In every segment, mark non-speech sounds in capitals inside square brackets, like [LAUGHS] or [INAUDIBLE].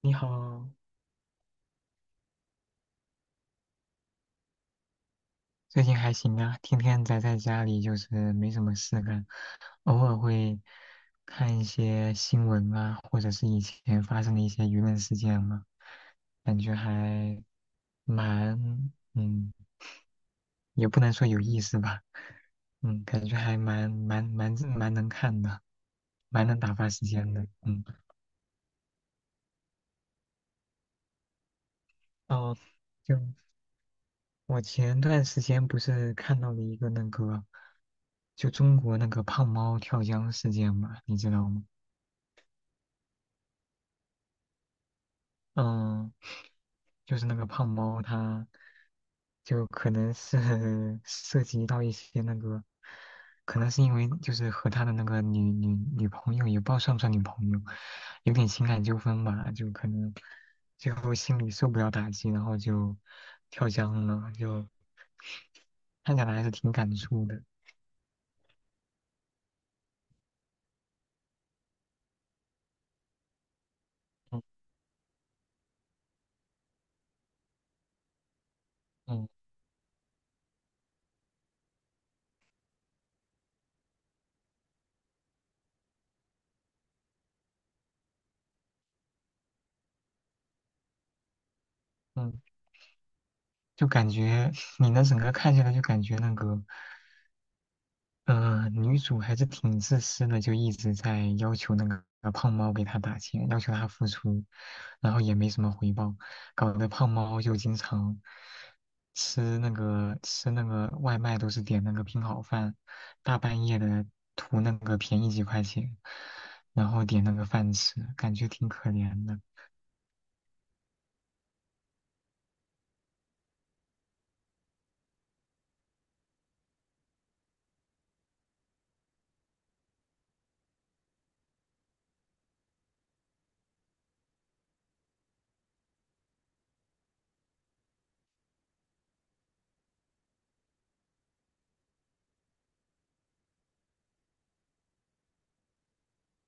你好，最近还行啊，天天宅在家里，就是没什么事干，偶尔会看一些新闻啊，或者是以前发生的一些舆论事件嘛，感觉还蛮，嗯，也不能说有意思吧，感觉还蛮能看的，蛮能打发时间的，哦，就我前段时间不是看到了一个那个，就中国那个胖猫跳江事件嘛，你知道吗？嗯，就是那个胖猫他就可能是 [LAUGHS] 涉及到一些那个，可能是因为就是和他的那个女朋友，也不知道算不算女朋友，有点情感纠纷吧，就可能最后心里受不了打击，然后就跳江了，就看起来还是挺感触的。嗯嗯。嗯就感觉你那整个看下来，就感觉那个，女主还是挺自私的，就一直在要求那个胖猫给她打钱，要求她付出，然后也没什么回报，搞得胖猫就经常吃那个外卖都是点那个拼好饭，大半夜的图那个便宜几块钱，然后点那个饭吃，感觉挺可怜的。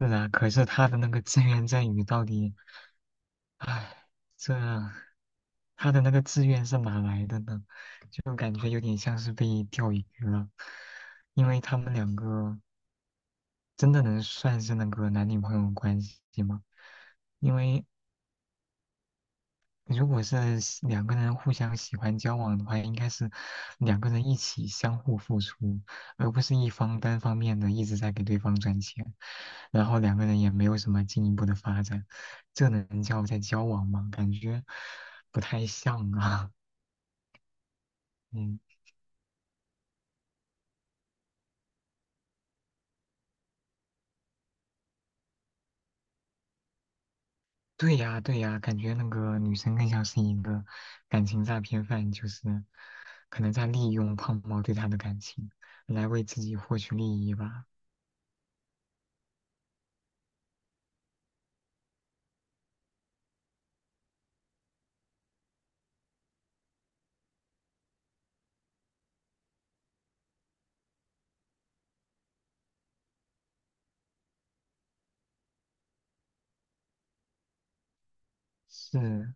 是啊，可是他的那个自愿自语到底？唉，这他的那个志愿是哪来的呢？就感觉有点像是被钓鱼了，因为他们两个真的能算是那个男女朋友关系吗？因为如果是两个人互相喜欢交往的话，应该是两个人一起相互付出，而不是一方单方面的一直在给对方赚钱，然后两个人也没有什么进一步的发展，这能叫在交往吗？感觉不太像啊。[LAUGHS] 嗯，对呀，对呀，感觉那个女生更像是一个感情诈骗犯，就是可能在利用胖猫对她的感情来为自己获取利益吧。是，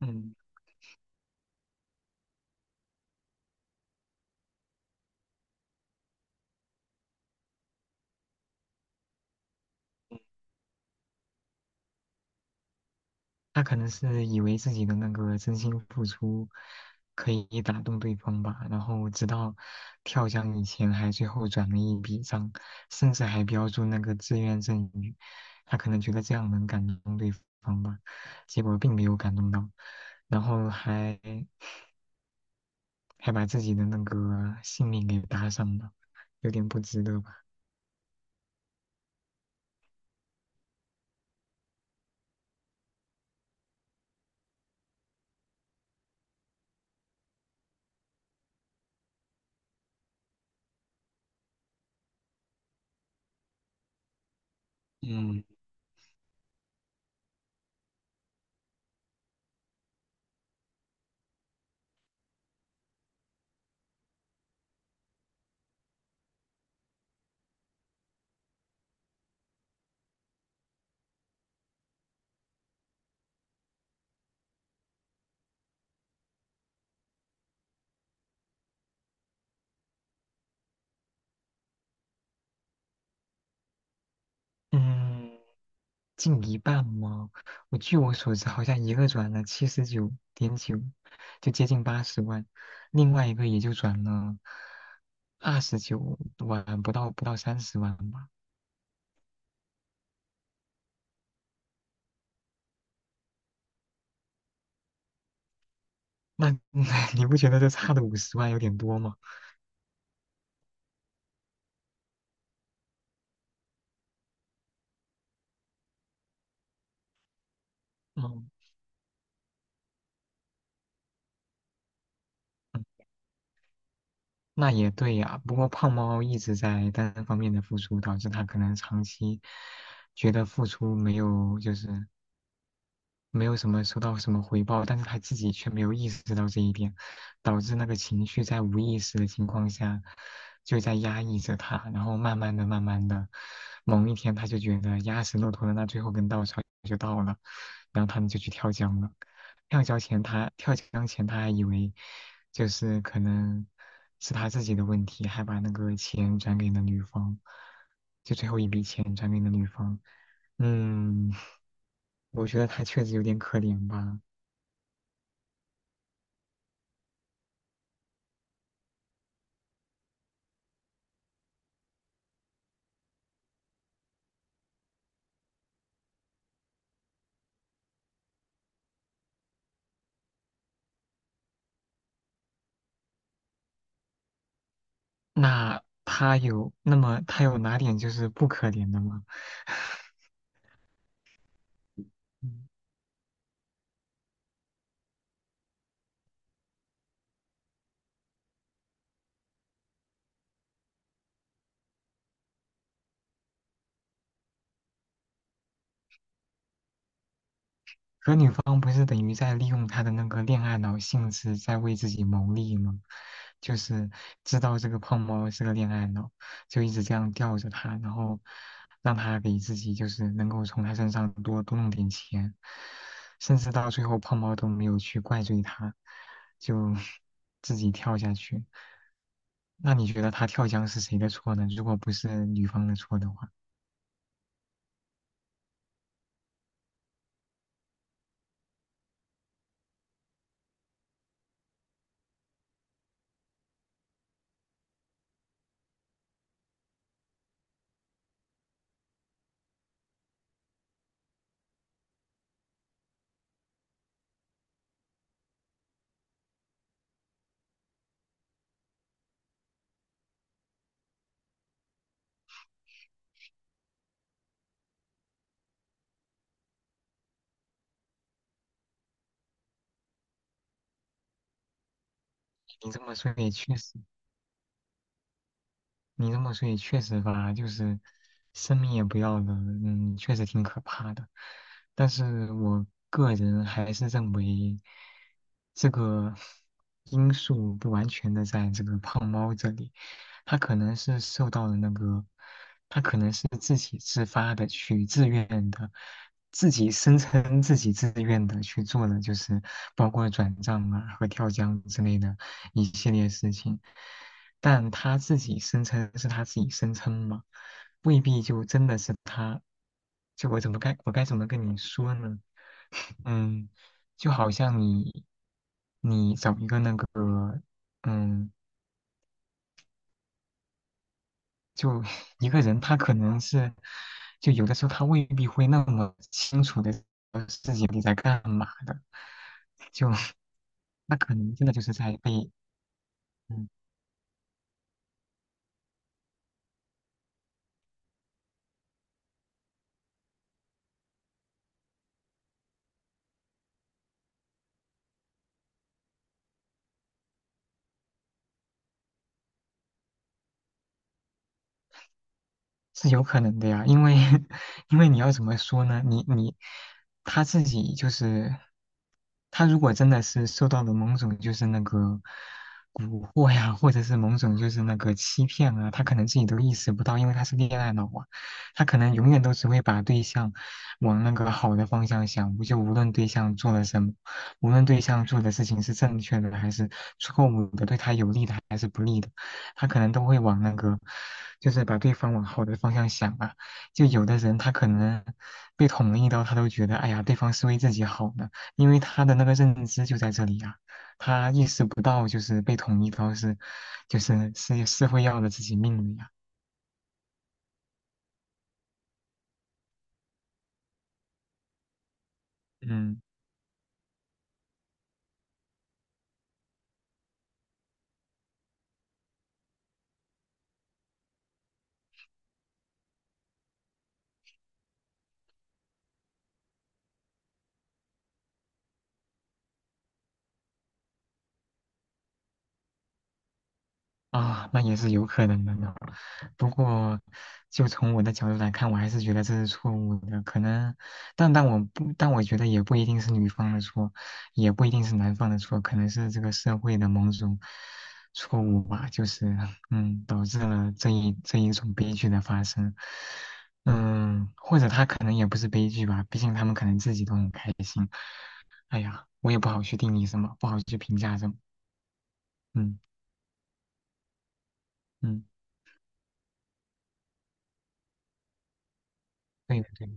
嗯。他可能是以为自己的那个真心付出可以打动对方吧，然后直到跳江以前还最后转了一笔账，甚至还标注那个自愿赠与，他可能觉得这样能感动对方吧，结果并没有感动到，然后还把自己的那个性命给搭上了，有点不值得吧？嗯，嗯。近一半吗？我据我所知，好像一个转了79.9，就接近80万，另外一个也就转了29万，不到30万吧。那 [LAUGHS] 你不觉得这差的50万有点多吗？嗯，嗯那也对呀。不过胖猫一直在单方面的付出，导致他可能长期觉得付出没有就是没有什么收到什么回报，但是他自己却没有意识到这一点，导致那个情绪在无意识的情况下就在压抑着他，然后慢慢的、慢慢的，某一天他就觉得压死骆驼的那最后根稻草就到了，然后他们就去跳江了。跳江前他还以为就是可能是他自己的问题，还把那个钱转给了女方，就最后一笔钱转给了女方。嗯，我觉得他确实有点可怜吧。那么他有哪点就是不可怜的吗？嗯可女方不是等于在利用他的那个恋爱脑性质在为自己谋利吗？就是知道这个胖猫是个恋爱脑，就一直这样吊着他，然后让他给自己就是能够从他身上多多弄点钱，甚至到最后胖猫都没有去怪罪他，就 [LAUGHS] 自己跳下去。那你觉得他跳江是谁的错呢？如果不是女方的错的话，你这么说也确实。你这么说也确实吧，就是生命也不要了，确实挺可怕的。但是我个人还是认为，这个因素不完全的在这个胖猫这里，他可能是受到了那个，他可能是自己自发的去自愿的，自己声称自己自愿的去做的，就是包括转账啊和跳江之类的一系列事情。但他自己声称是他自己声称嘛，未必就真的是他。就我该怎么跟你说呢？嗯，就好像你找一个那个嗯，就 [LAUGHS] 一个人，他可能是就有的时候他未必会那么清楚的自己你在干嘛的，就 [LAUGHS] 那可能真的就是在被。嗯是有可能的呀，因为 [LAUGHS] 因为你要怎么说呢？你他自己就是他如果真的是受到了某种就是那个蛊惑呀，或者是某种就是那个欺骗啊，他可能自己都意识不到，因为他是恋爱脑啊，他可能永远都只会把对象往那个好的方向想，就无论对象做了什么，无论对象做的事情是正确的还是错误的，对他有利的还是不利的。他可能都会往那个，就是把对方往好的方向想啊。就有的人他可能被捅了一刀，他都觉得哎呀，对方是为自己好的，因为他的那个认知就在这里啊，他意识不到就是被捅一刀是，就是是会要了自己命的呀。嗯。啊，那也是有可能的呢。不过，就从我的角度来看，我还是觉得这是错误的。可能，但我觉得也不一定是女方的错，也不一定是男方的错，可能是这个社会的某种错误吧，就是导致了这一种悲剧的发生。嗯，或者他可能也不是悲剧吧，毕竟他们可能自己都很开心。哎呀，我也不好去定义什么，不好去评价什么。嗯嗯，对的对的。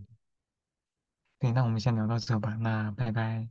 对，那我们先聊到这吧，那拜拜。